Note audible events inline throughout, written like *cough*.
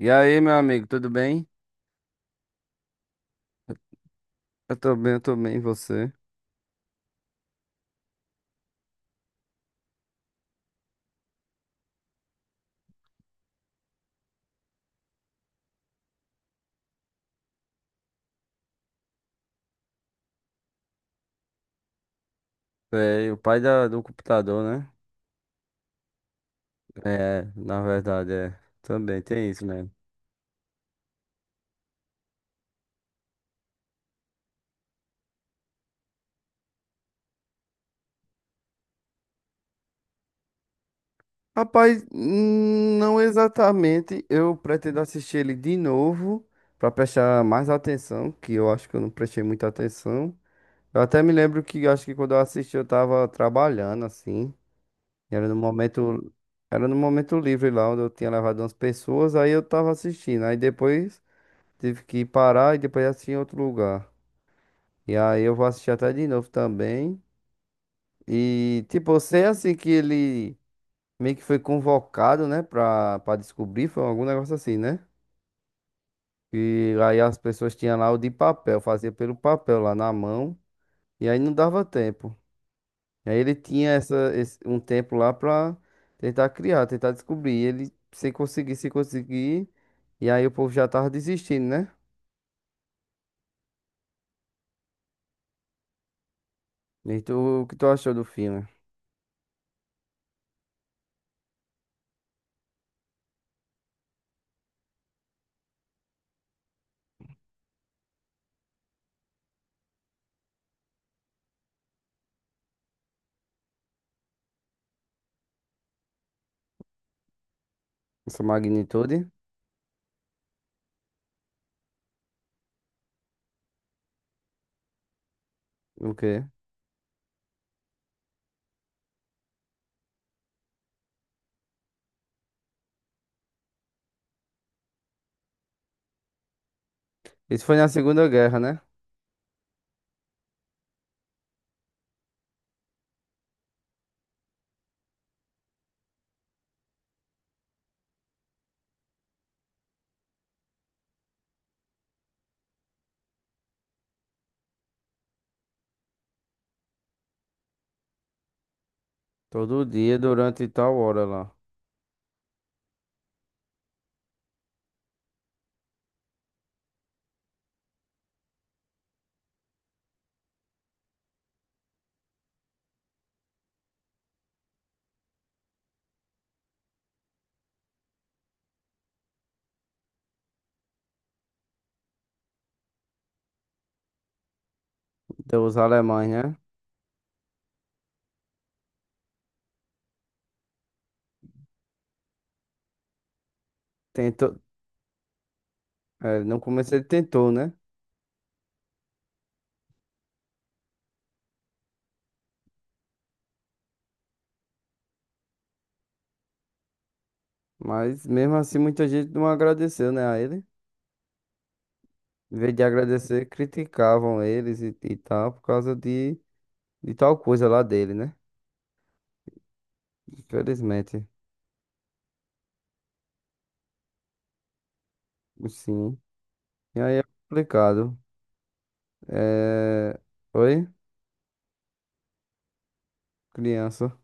E aí, meu amigo, tudo bem? Eu tô bem, e você? É, e o pai da- do computador, né? É, na verdade, é. Também tem isso, né? Rapaz, não exatamente. Eu pretendo assistir ele de novo pra prestar mais atenção, que eu acho que eu não prestei muita atenção. Eu até me lembro que eu acho que quando eu assisti eu tava trabalhando assim, e era no momento livre lá onde eu tinha levado umas pessoas, aí eu tava assistindo. Aí depois tive que parar e depois assistir em outro lugar. E aí eu vou assistir até de novo também. E, tipo, eu sei assim que ele meio que foi convocado, né, pra descobrir, foi algum negócio assim, né? E aí as pessoas tinham lá o de papel, fazia pelo papel lá na mão. E aí não dava tempo. E aí ele tinha um tempo lá pra tentar criar, tentar descobrir. E ele sem conseguir, sem conseguir. E aí o povo já tava desistindo, né? E tu, o que tu achou do filme? Essa magnitude? O quê? Isso foi na Segunda Guerra, né? Todo dia, durante tal hora lá. Então, os alemães, né? Tentou. É, no começo ele tentou, né? Mas mesmo assim, muita gente não agradeceu, né, a ele. Em vez de agradecer, criticavam eles e tal, por causa de tal coisa lá dele, né? Infelizmente. Sim. E aí é complicado. É... Oi, criança.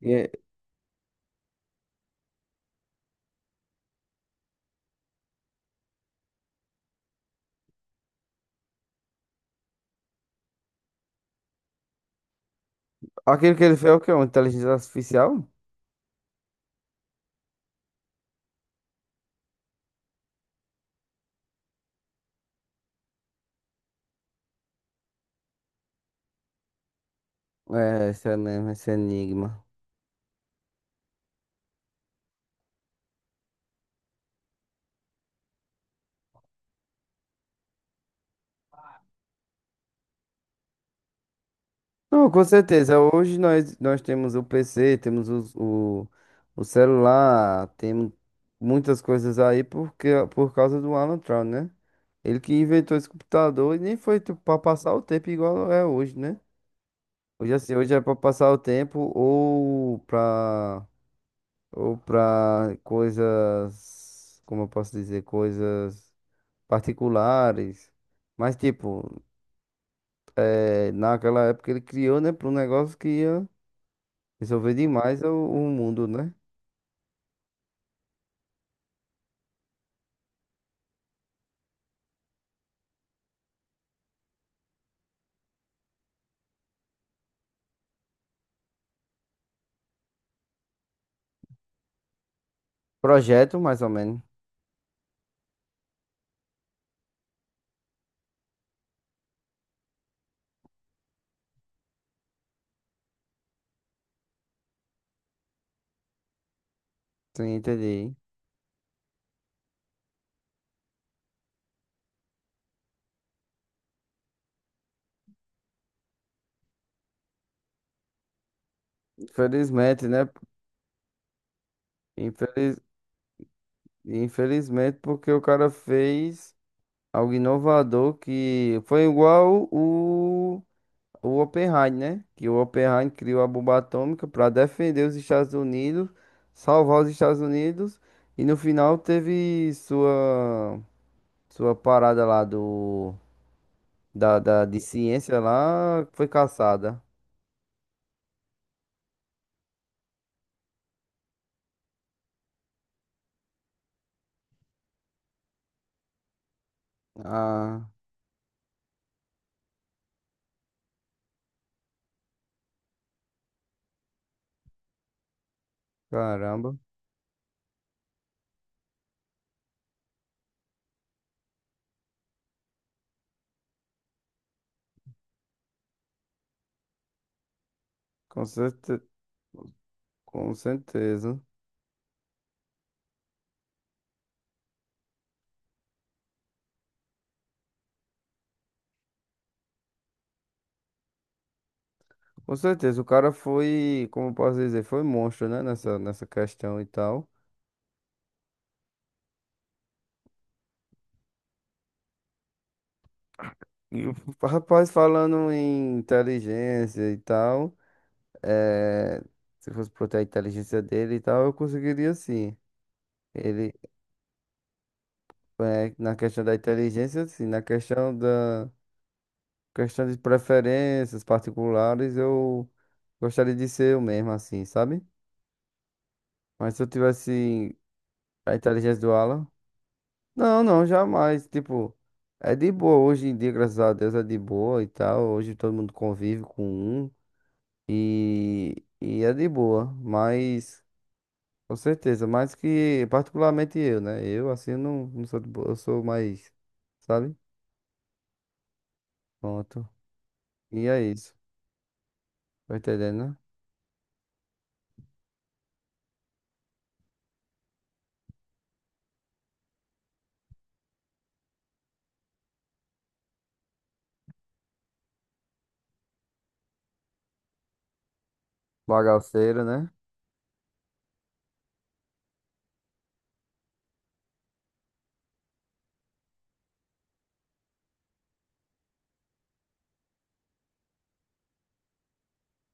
E é- Aquilo que ele fez é o quê? Uma inteligência artificial? É, esse, ene- esse enigma. Não, com certeza. Hoje nós temos o PC, temos o celular, temos muitas coisas aí porque, por causa do Alan Turing, né? Ele que inventou esse computador e nem foi para passar o tempo igual é hoje, né? Hoje assim, hoje é para passar o tempo ou para coisas, como eu posso dizer, coisas particulares. Mas tipo, é, naquela época ele criou, né, para um negócio que ia resolver demais o mundo, né? Projeto, mais ou menos. Sim, entendi. Infelizmente, né? Infeliz... Infelizmente, porque o cara fez algo inovador que foi igual o Oppenheim, né? Que o Oppenheim criou a bomba atômica para defender os Estados Unidos, salvar os Estados Unidos, e no final teve sua parada lá do, da de ciência lá, foi caçada. Ah. Caramba, com certe... com certeza. Com certeza, o cara foi, como eu posso dizer, foi monstro, né, nessa questão e tal. E o *laughs* rapaz falando em inteligência e tal, eh, se fosse proteger a inteligência dele e tal, eu conseguiria sim. Ele, na questão da inteligência, sim, na questão de preferências particulares, eu gostaria de ser eu mesmo, assim, sabe? Mas se eu tivesse a inteligência do Alan. Não, não, jamais. Tipo, é de boa. Hoje em dia, graças a Deus, é de boa e tal. Hoje todo mundo convive com um e é de boa. Mas, com certeza, mais que particularmente eu, né? Eu, assim, eu não sou de boa. Eu sou mais, sabe? Pronto. E é isso. Tá entendendo, né? Bagaceiro, né?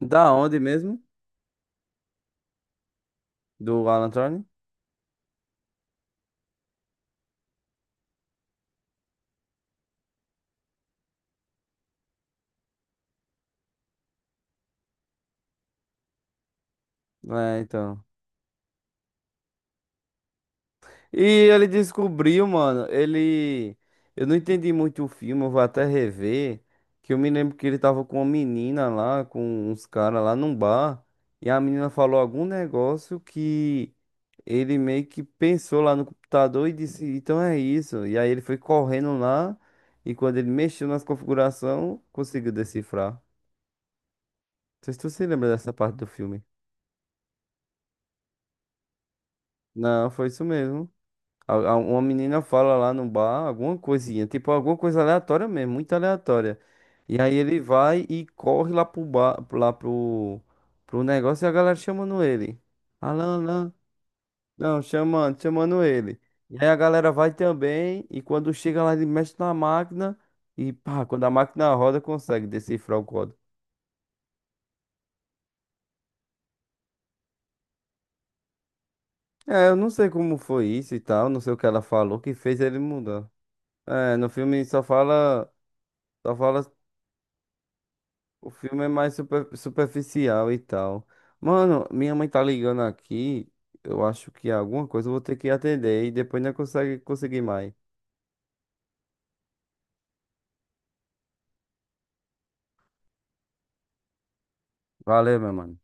Da onde mesmo? Do Alan Thorne? É, então. E ele descobriu, mano, ele. Eu não entendi muito o filme, eu vou até rever. Que eu me lembro que ele tava com uma menina lá, com uns caras lá num bar. E a menina falou algum negócio que ele meio que pensou lá no computador e disse, então é isso. E aí ele foi correndo lá. E quando ele mexeu nas configurações, conseguiu decifrar. Não sei se tu se lembra dessa parte do filme. Não, foi isso mesmo. Uma menina fala lá no bar alguma coisinha, tipo alguma coisa aleatória mesmo, muito aleatória. E aí ele vai e corre lá pro bar, pro negócio e a galera chamando ele. Alan, Alan, não, chamando ele. E aí a galera vai também e quando chega lá ele mexe na máquina e pá, quando a máquina roda consegue decifrar o código. É, eu não sei como foi isso e tal, não sei o que ela falou que fez ele mudar. É, no filme só fala, só fala. O filme é mais superficial e tal. Mano, minha mãe tá ligando aqui. Eu acho que alguma coisa eu vou ter que atender e depois não consegue conseguir mais. Valeu, meu mano.